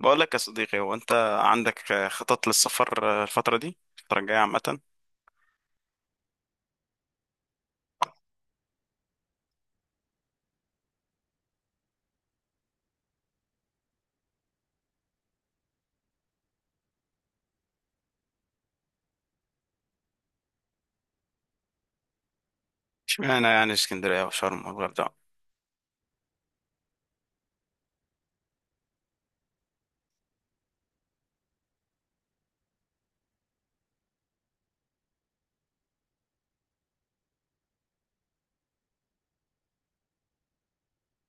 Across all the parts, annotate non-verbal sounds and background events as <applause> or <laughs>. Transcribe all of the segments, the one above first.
بقول لك يا صديقي، هو انت عندك خطط للسفر الفترة دي الفترة الجاية عامة؟ اشمعنى يعني اسكندرية وشرم والغردقة؟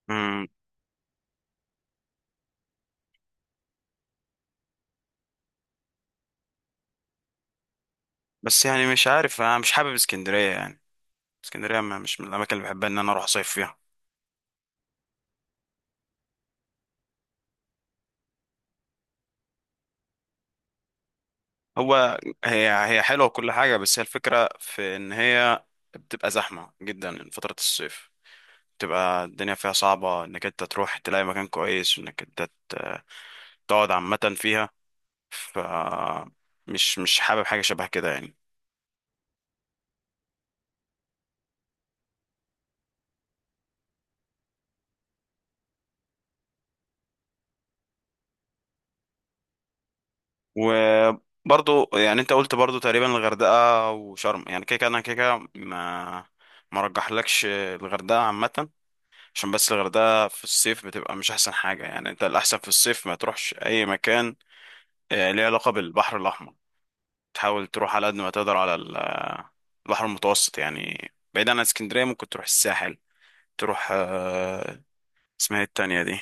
امم. بس يعني مش عارف، انا مش حابب اسكندرية يعني. اسكندرية مش من الاماكن اللي بحبها ان انا اروح اصيف فيها. هو هي هي حلوة وكل حاجة، بس هي الفكرة في إن هي بتبقى زحمة جدا فترة الصيف. بتبقى الدنيا فيها صعبة إنك أنت تروح تلاقي مكان كويس، وإنك أنت ت- تقعد عامة فيها. ف مش حابب حاجة شبه كده يعني. وبرضو يعني أنت قلت برضو تقريبا الغردقة وشرم، يعني كده كده أنا كده كده ما رجحلكش الغردقة عامة. عشان بس الغردقة في الصيف بتبقى مش أحسن حاجة، يعني أنت الأحسن في الصيف ما تروحش أي مكان ليه علاقة بالبحر الأحمر. تحاول تروح على قد ما تقدر على البحر المتوسط، يعني بعيد عن اسكندرية ممكن تروح الساحل. تروح اسمها إيه التانية دي؟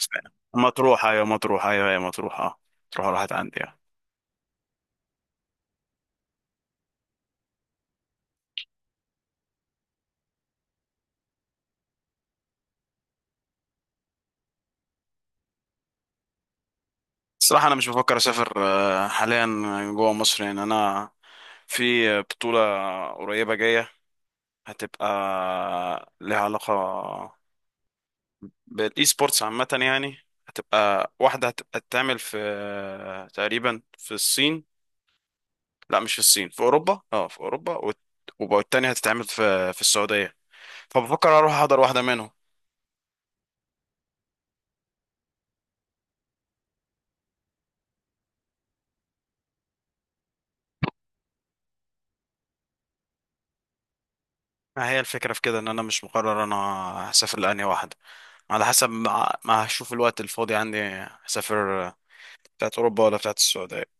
اسمها إيه؟ مطروح، أيوة مطروح، أيوة هي مطروح، أه. تروح راحت عندي، آه. الصراحة أنا مش بفكر أسافر حاليا جوا مصر، يعني أنا في بطولة قريبة جاية هتبقى لها علاقة بالاي سبورتس عامة يعني. هتبقى واحدة هتبقى تعمل في تقريبا في الصين. لا مش في الصين، في اوروبا، اه في اوروبا، والتانية هتتعمل في السعودية. فبفكر اروح احضر واحدة منهم. ما هي الفكرة في كده ان انا مش مقرر انا هسافر، لأني واحدة على حسب ما هشوف الوقت الفاضي عندي هسافر بتاعت اوروبا ولا بتاعت السعودية.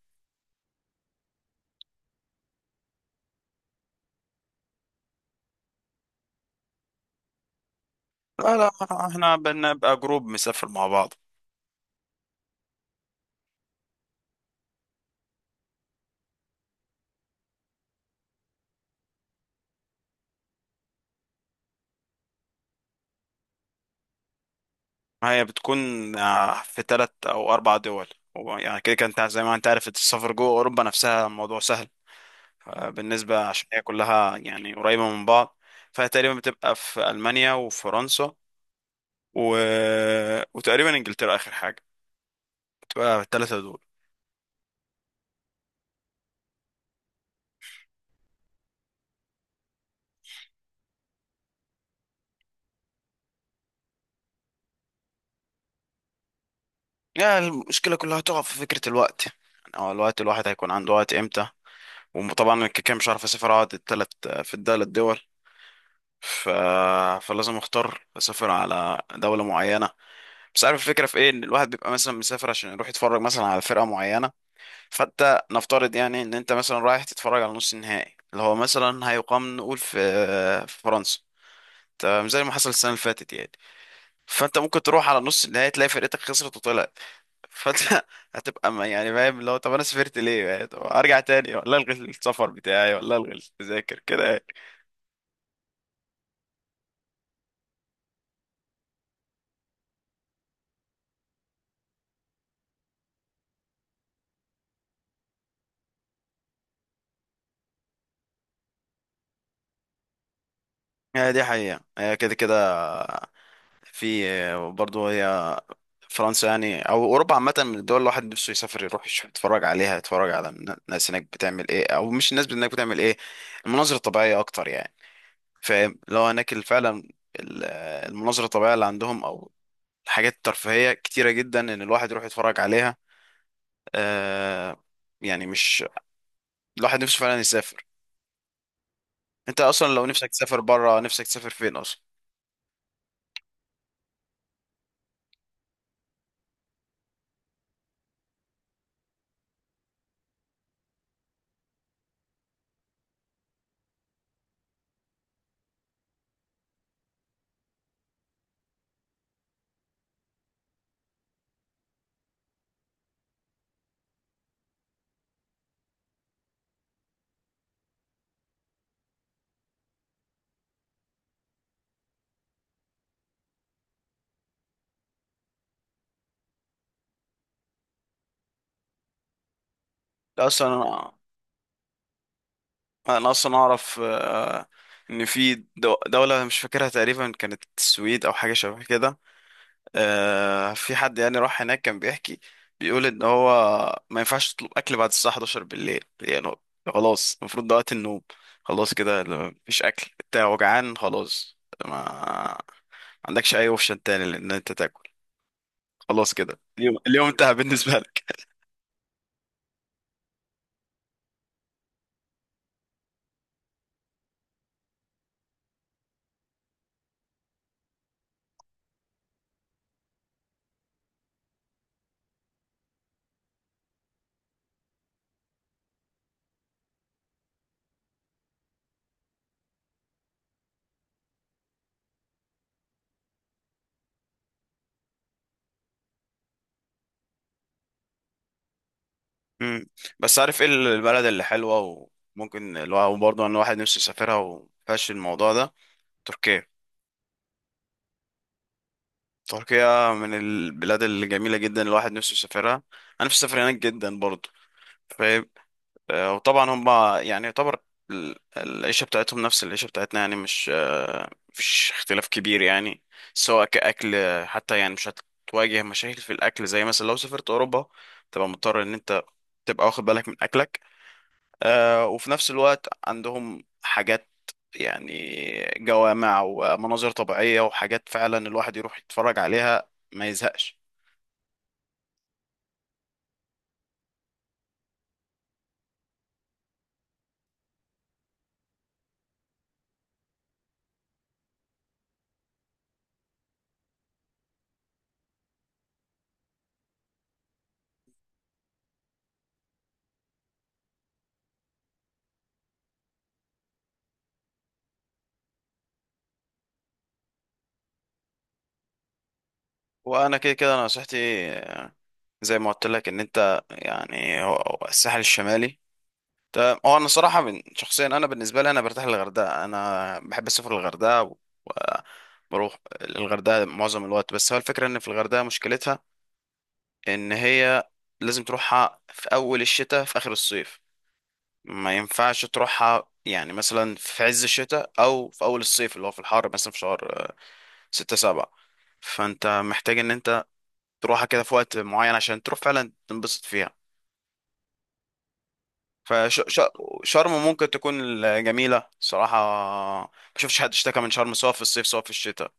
لا لا، احنا بنبقى جروب مسافر مع بعض. ما هي بتكون في تلات او اربع دول. يعني كده كده انت زي ما انت عارف السفر جوه اوروبا نفسها موضوع سهل بالنسبة، عشان هي كلها يعني قريبة من بعض. فهي تقريبا بتبقى في ألمانيا وفرنسا و... وتقريبا إنجلترا آخر حاجة، بتبقى الثلاثة دول. يعني المشكلة كلها تقع في فكرة الوقت، يعني هو الوقت الواحد هيكون عنده وقت إمتى. وطبعا أنا كده كده مش عارف أسافر أقعد التلات في الثلاث دول، ف... فلازم أختار أسافر على دولة معينة. بس عارف الفكرة في إيه؟ إن الواحد بيبقى مثلا مسافر عشان يروح يتفرج مثلا على فرقة معينة. فانت نفترض يعني ان انت مثلا رايح تتفرج على نص النهائي اللي هو مثلا هيقام، نقول في فرنسا، تمام زي ما حصل السنه اللي فاتت يعني. فانت ممكن تروح على نص النهائي تلاقي فرقتك خسرت وطلعت. فانت <laughs> هتبقى يعني فاهم، اللي هو طب انا سافرت ليه يعني؟ طب ارجع تاني، ولا الغي السفر بتاعي، ولا الغي التذاكر كده يعني. هي دي حقيقه، هي كده كده في برضه، هي فرنسا يعني او اوروبا عامه من الدول اللي الواحد نفسه يسافر يروح يشوف يتفرج عليها، يتفرج على الناس هناك بتعمل ايه، او مش الناس هناك بتعمل ايه، المناظر الطبيعيه اكتر يعني. فاهم؟ لو هناك فعلا ال- المناظر الطبيعيه اللي عندهم او الحاجات الترفيهيه كتيره جدا ان الواحد يروح يتفرج عليها، آه يعني مش، الواحد نفسه فعلا يسافر. انت اصلا لو نفسك تسافر بره، نفسك تسافر فين اصلا؟ لا اصلا انا. انا اصلا اعرف ان في دوله مش فاكرها تقريبا كانت السويد او حاجه شبه كده. في حد يعني راح هناك كان بيحكي، بيقول ان هو ما ينفعش تطلب اكل بعد الساعه 11 بالليل، يعني خلاص المفروض ده وقت النوم. خلاص كده لو مفيش اكل انت وجعان، خلاص ما عندكش اي اوبشن تاني لان انت تاكل، خلاص كده اليوم انتهى بالنسبه لك. <laughs> مم. بس عارف ايه البلد اللي حلوه وممكن الواحد برضه ان الواحد نفسه يسافرها ومفيهاش الموضوع ده؟ تركيا. تركيا من البلاد الجميله جدا، الواحد نفسه يسافرها، انا نفسي اسافر هناك جدا برضه، فاهم؟ وطبعا هم يعني يعتبر العيشة بتاعتهم نفس العيشة بتاعتنا، يعني مش مفيش اختلاف كبير يعني. سواء كأكل حتى يعني مش هتواجه مشاكل في الأكل زي مثلا لو سافرت أوروبا تبقى مضطر إن أنت تبقى واخد بالك من أكلك. وفي نفس الوقت عندهم حاجات يعني جوامع ومناظر طبيعية وحاجات فعلا الواحد يروح يتفرج عليها ما يزهقش. وأنا كده كده نصيحتي زي ما قلت لك ان انت يعني هو الساحل الشمالي. تمام، هو انا صراحه من شخصيا، انا بالنسبه لي انا برتاح للغردقه، انا بحب اسافر الغردقه وبروح الغردقه معظم الوقت. بس هو الفكره ان في الغردقه مشكلتها ان هي لازم تروحها في اول الشتاء في اخر الصيف. ما ينفعش تروحها يعني مثلا في عز الشتاء او في اول الصيف اللي هو في الحر، مثلا في شهر ستة سبعة. فانت محتاج ان انت تروحها كده في وقت معين عشان تروح فعلا تنبسط فيها. فشرم ممكن تكون جميلة صراحة، ما شفتش حد اشتكى من شرم سواء في الصيف سواء في الشتاء.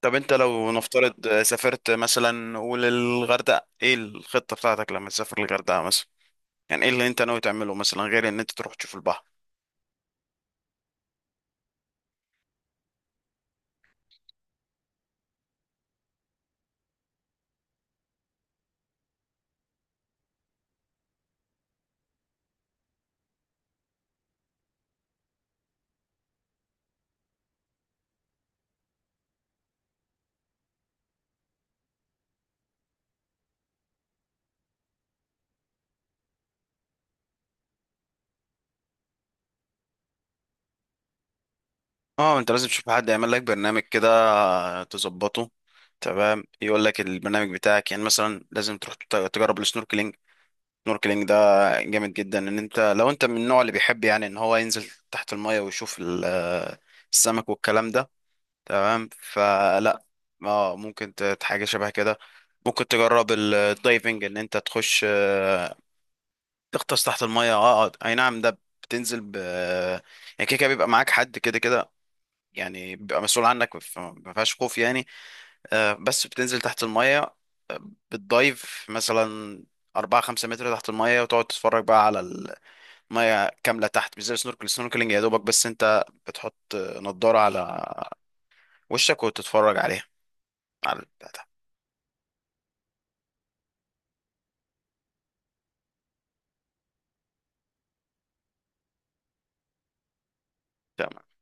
طب انت لو نفترض سافرت مثلا قول الغردقة، ايه الخطة بتاعتك لما تسافر الغردقة مثلا؟ يعني ايه اللي انت ناوي تعمله مثلا غير ان انت تروح تشوف البحر؟ اه انت لازم تشوف حد يعمل لك برنامج كده، تظبطه، تمام يقول لك البرنامج بتاعك، يعني مثلا لازم تروح تجرب السنوركلينج. السنوركلينج ده جامد جدا، ان انت لو انت من النوع اللي بيحب يعني ان هو ينزل تحت المية ويشوف السمك والكلام ده. تمام فلا، اه ممكن حاجة شبه كده، ممكن تجرب الدايفنج ان انت تخش، تغطس تحت المية، اه اي نعم. ده بتنزل يعني كده كده بيبقى معاك حد كده كده يعني، بيبقى مسؤول عنك فما فيهاش خوف يعني. بس بتنزل تحت المية، آه، بتدايف مثلا أربعة خمسة متر تحت المية وتقعد تتفرج بقى على ميه كامله تحت، مش زي السنوركلينج. يا دوبك بس انت بتحط نضاره على وشك وتتفرج عليها، على البتاع ده.